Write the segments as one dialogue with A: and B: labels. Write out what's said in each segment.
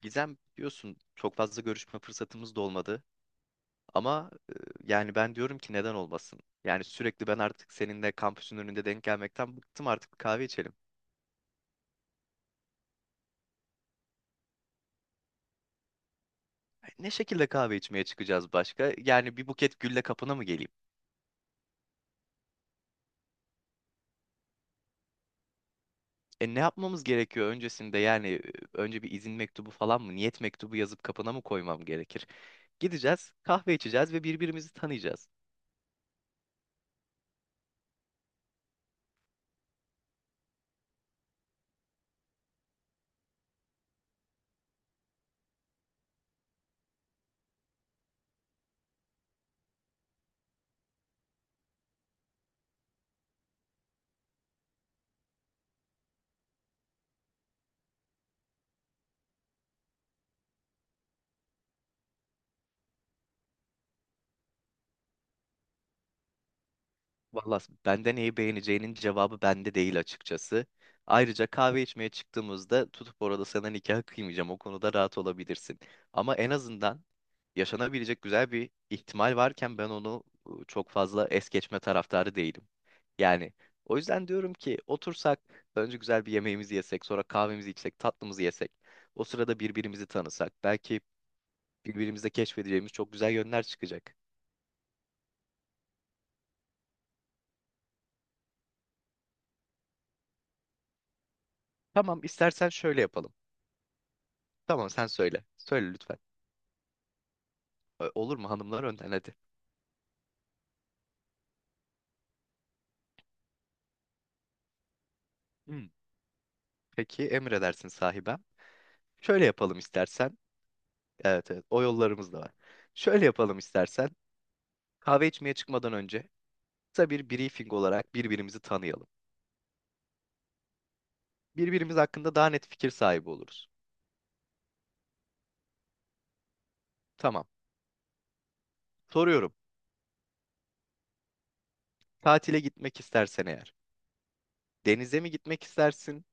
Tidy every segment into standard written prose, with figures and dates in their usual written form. A: Gizem biliyorsun çok fazla görüşme fırsatımız da olmadı ama yani ben diyorum ki neden olmasın? Yani sürekli ben artık seninle kampüsün önünde denk gelmekten bıktım artık bir kahve içelim. Ne şekilde kahve içmeye çıkacağız başka? Yani bir buket gülle kapına mı geleyim? E ne yapmamız gerekiyor öncesinde yani önce bir izin mektubu falan mı niyet mektubu yazıp kapına mı koymam gerekir? Gideceğiz, kahve içeceğiz ve birbirimizi tanıyacağız. Vallahi bende neyi beğeneceğinin cevabı bende değil açıkçası. Ayrıca kahve içmeye çıktığımızda tutup orada sana nikah kıymayacağım. O konuda rahat olabilirsin. Ama en azından yaşanabilecek güzel bir ihtimal varken ben onu çok fazla es geçme taraftarı değilim. Yani o yüzden diyorum ki otursak önce güzel bir yemeğimizi yesek, sonra kahvemizi içsek, tatlımızı yesek. O sırada birbirimizi tanısak. Belki birbirimizde keşfedeceğimiz çok güzel yönler çıkacak. Tamam, istersen şöyle yapalım. Tamam, sen söyle. Söyle lütfen. Olur mu hanımlar önden hadi. Hmm. Peki emredersin sahibem. Şöyle yapalım istersen. Evet, evet o yollarımız da var. Şöyle yapalım istersen. Kahve içmeye çıkmadan önce kısa bir briefing olarak birbirimizi tanıyalım. Birbirimiz hakkında daha net fikir sahibi oluruz. Tamam. Soruyorum. Tatile gitmek istersen eğer. Denize mi gitmek istersin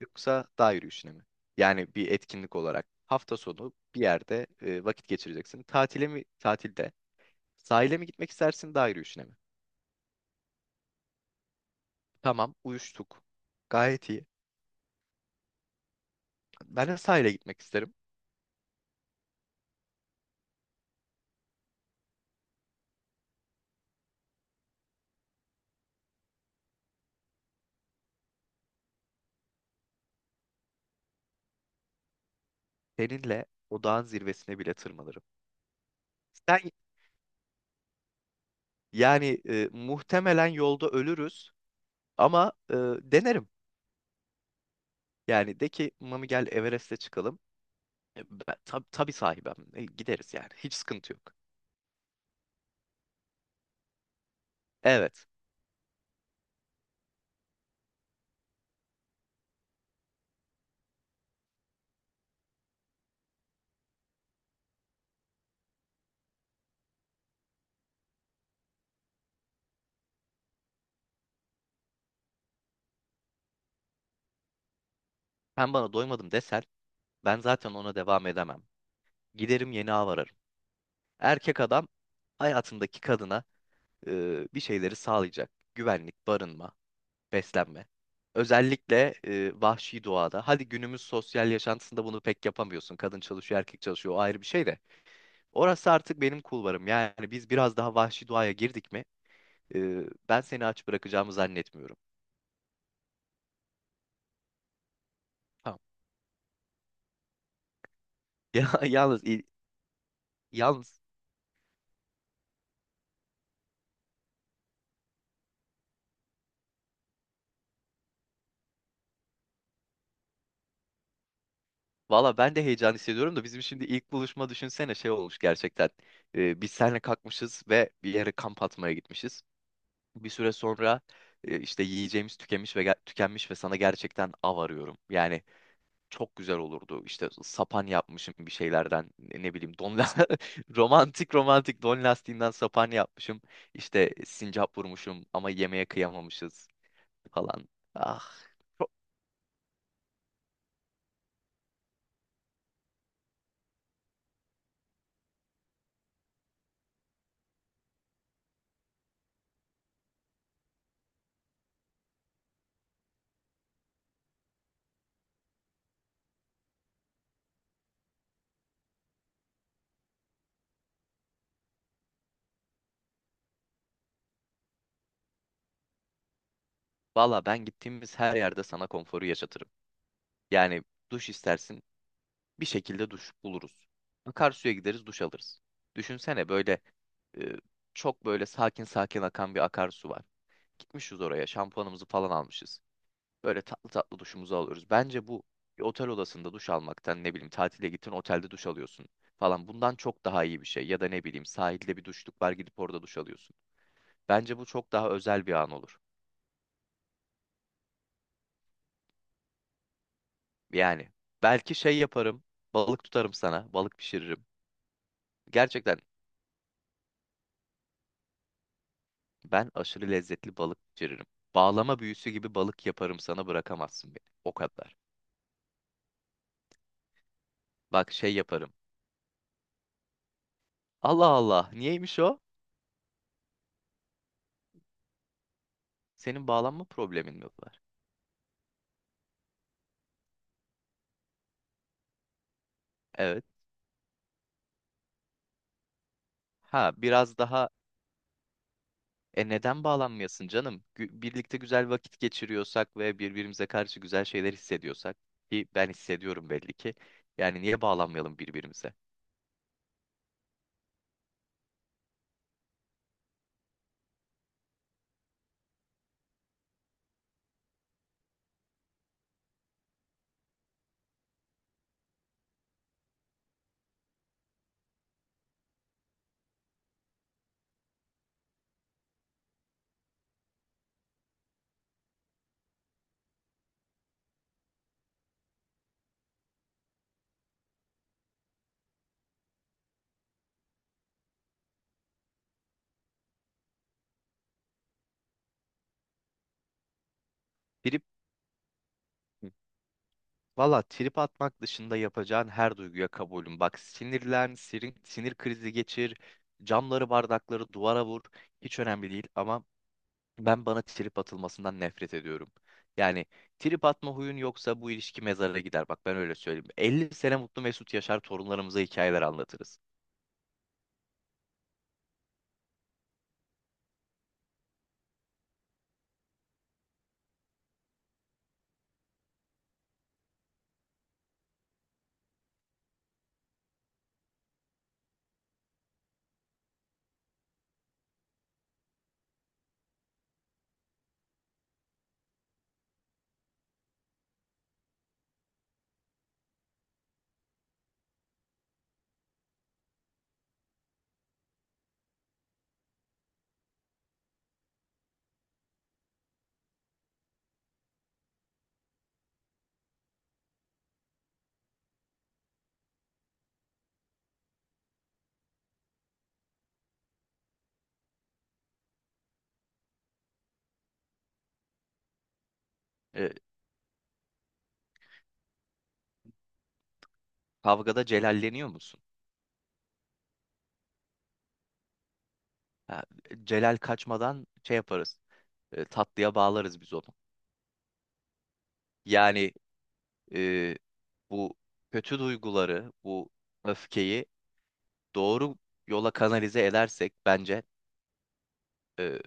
A: yoksa dağ yürüyüşüne mi? Yani bir etkinlik olarak hafta sonu bir yerde vakit geçireceksin. Tatile mi tatilde sahile mi gitmek istersin dağ yürüyüşüne mi? Tamam, uyuştuk. Gayet iyi. Ben de sahile gitmek isterim. Seninle o dağın zirvesine bile tırmanırım. Sen yani muhtemelen yolda ölürüz ama denerim. Yani de ki Mami gel Everest'e çıkalım. Ben, tabii sahibim. Gideriz yani. Hiç sıkıntı yok. Evet. Sen bana doymadım desen ben zaten ona devam edemem. Giderim yeni av ararım. Erkek adam hayatındaki kadına bir şeyleri sağlayacak. Güvenlik, barınma. Beslenme. Özellikle vahşi doğada. Hadi günümüz sosyal yaşantısında bunu pek yapamıyorsun. Kadın çalışıyor, erkek çalışıyor. O ayrı bir şey de. Orası artık benim kulvarım. Yani biz biraz daha vahşi doğaya girdik mi? e, Ben seni aç bırakacağımı zannetmiyorum. Tamam. Ya, yalnız valla ben de heyecan hissediyorum da bizim şimdi ilk buluşma düşünsene şey olmuş gerçekten. Biz seninle kalkmışız ve bir yere kamp atmaya gitmişiz. Bir süre sonra işte yiyeceğimiz tükenmiş ve sana gerçekten av arıyorum. Yani çok güzel olurdu. İşte sapan yapmışım bir şeylerden ne bileyim romantik romantik don lastiğinden sapan yapmışım. İşte sincap vurmuşum ama yemeğe kıyamamışız falan. Ah. çok- Valla ben gittiğimiz her yerde sana konforu yaşatırım. Yani duş istersin bir şekilde duş buluruz. Akarsuya gideriz duş alırız. Düşünsene böyle e, çok böyle sakin sakin akan bir akarsu var. Gitmişiz oraya şampuanımızı falan almışız. Böyle tatlı tatlı duşumuzu alıyoruz. Bence bu bir otel odasında duş almaktan ne bileyim tatile gittin otelde duş alıyorsun falan bundan çok daha iyi bir şey. Ya da ne bileyim sahilde bir duşluk var gidip orada duş alıyorsun. Bence bu çok daha özel bir an olur. Yani belki şey yaparım balık tutarım sana balık pişiririm. Gerçekten ben aşırı lezzetli balık pişiririm. Bağlama büyüsü gibi balık yaparım sana, bırakamazsın beni. O kadar. Bak şey yaparım. Allah Allah, niyeymiş o? Senin bağlanma problemin mi var? Evet. Ha biraz daha E neden bağlanmayasın canım? Birlikte güzel vakit geçiriyorsak ve birbirimize karşı güzel şeyler hissediyorsak ki ben hissediyorum belli ki. Yani niye bağlanmayalım birbirimize? Trip valla trip atmak dışında yapacağın her duyguya kabulüm. Bak sinirlen, sinir krizi geçir, camları, bardakları duvara vur. Hiç önemli değil ama ben bana trip atılmasından nefret ediyorum. Yani trip atma huyun yoksa bu ilişki mezara gider. Bak ben öyle söyleyeyim. 50 sene mutlu mesut yaşar torunlarımıza hikayeler anlatırız. Ee, Kavgada celalleniyor musun? Ha, celal kaçmadan şey yaparız. Tatlıya bağlarız biz onu. Yani e, bu kötü duyguları, bu öfkeyi doğru yola kanalize edersek bence e,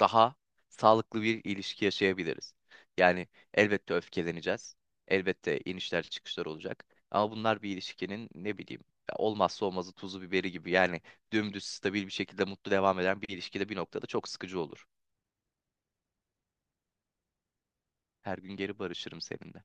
A: daha sağlıklı bir ilişki yaşayabiliriz. Yani elbette öfkeleneceğiz. Elbette inişler çıkışlar olacak. Ama bunlar bir ilişkinin ne bileyim ya olmazsa olmazı tuzu biberi gibi. Yani dümdüz stabil bir şekilde mutlu devam eden bir ilişkide bir noktada çok sıkıcı olur. Her gün geri barışırım seninle.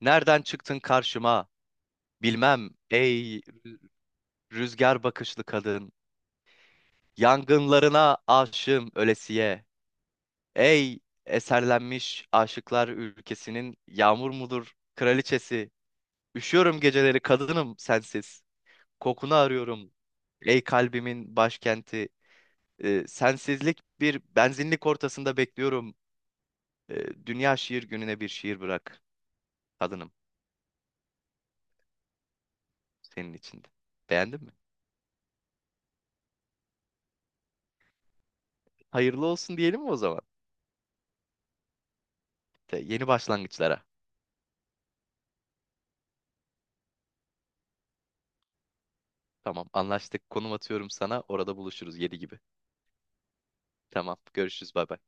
A: Nereden çıktın karşıma? Bilmem ey rüzgar bakışlı kadın. Yangınlarına aşığım ölesiye. Ey eserlenmiş aşıklar ülkesinin yağmur mudur kraliçesi. Üşüyorum geceleri kadınım sensiz. Kokunu arıyorum. Ey kalbimin başkenti. Sensizlik bir benzinlik ortasında bekliyorum. Dünya Şiir Günü'ne bir şiir bırak kadınım senin içinde. Beğendin mi? Hayırlı olsun diyelim mi o zaman? Yeni başlangıçlara. Tamam, anlaştık. Konum atıyorum sana. Orada buluşuruz 7 gibi. Tamam, görüşürüz. Bay bay.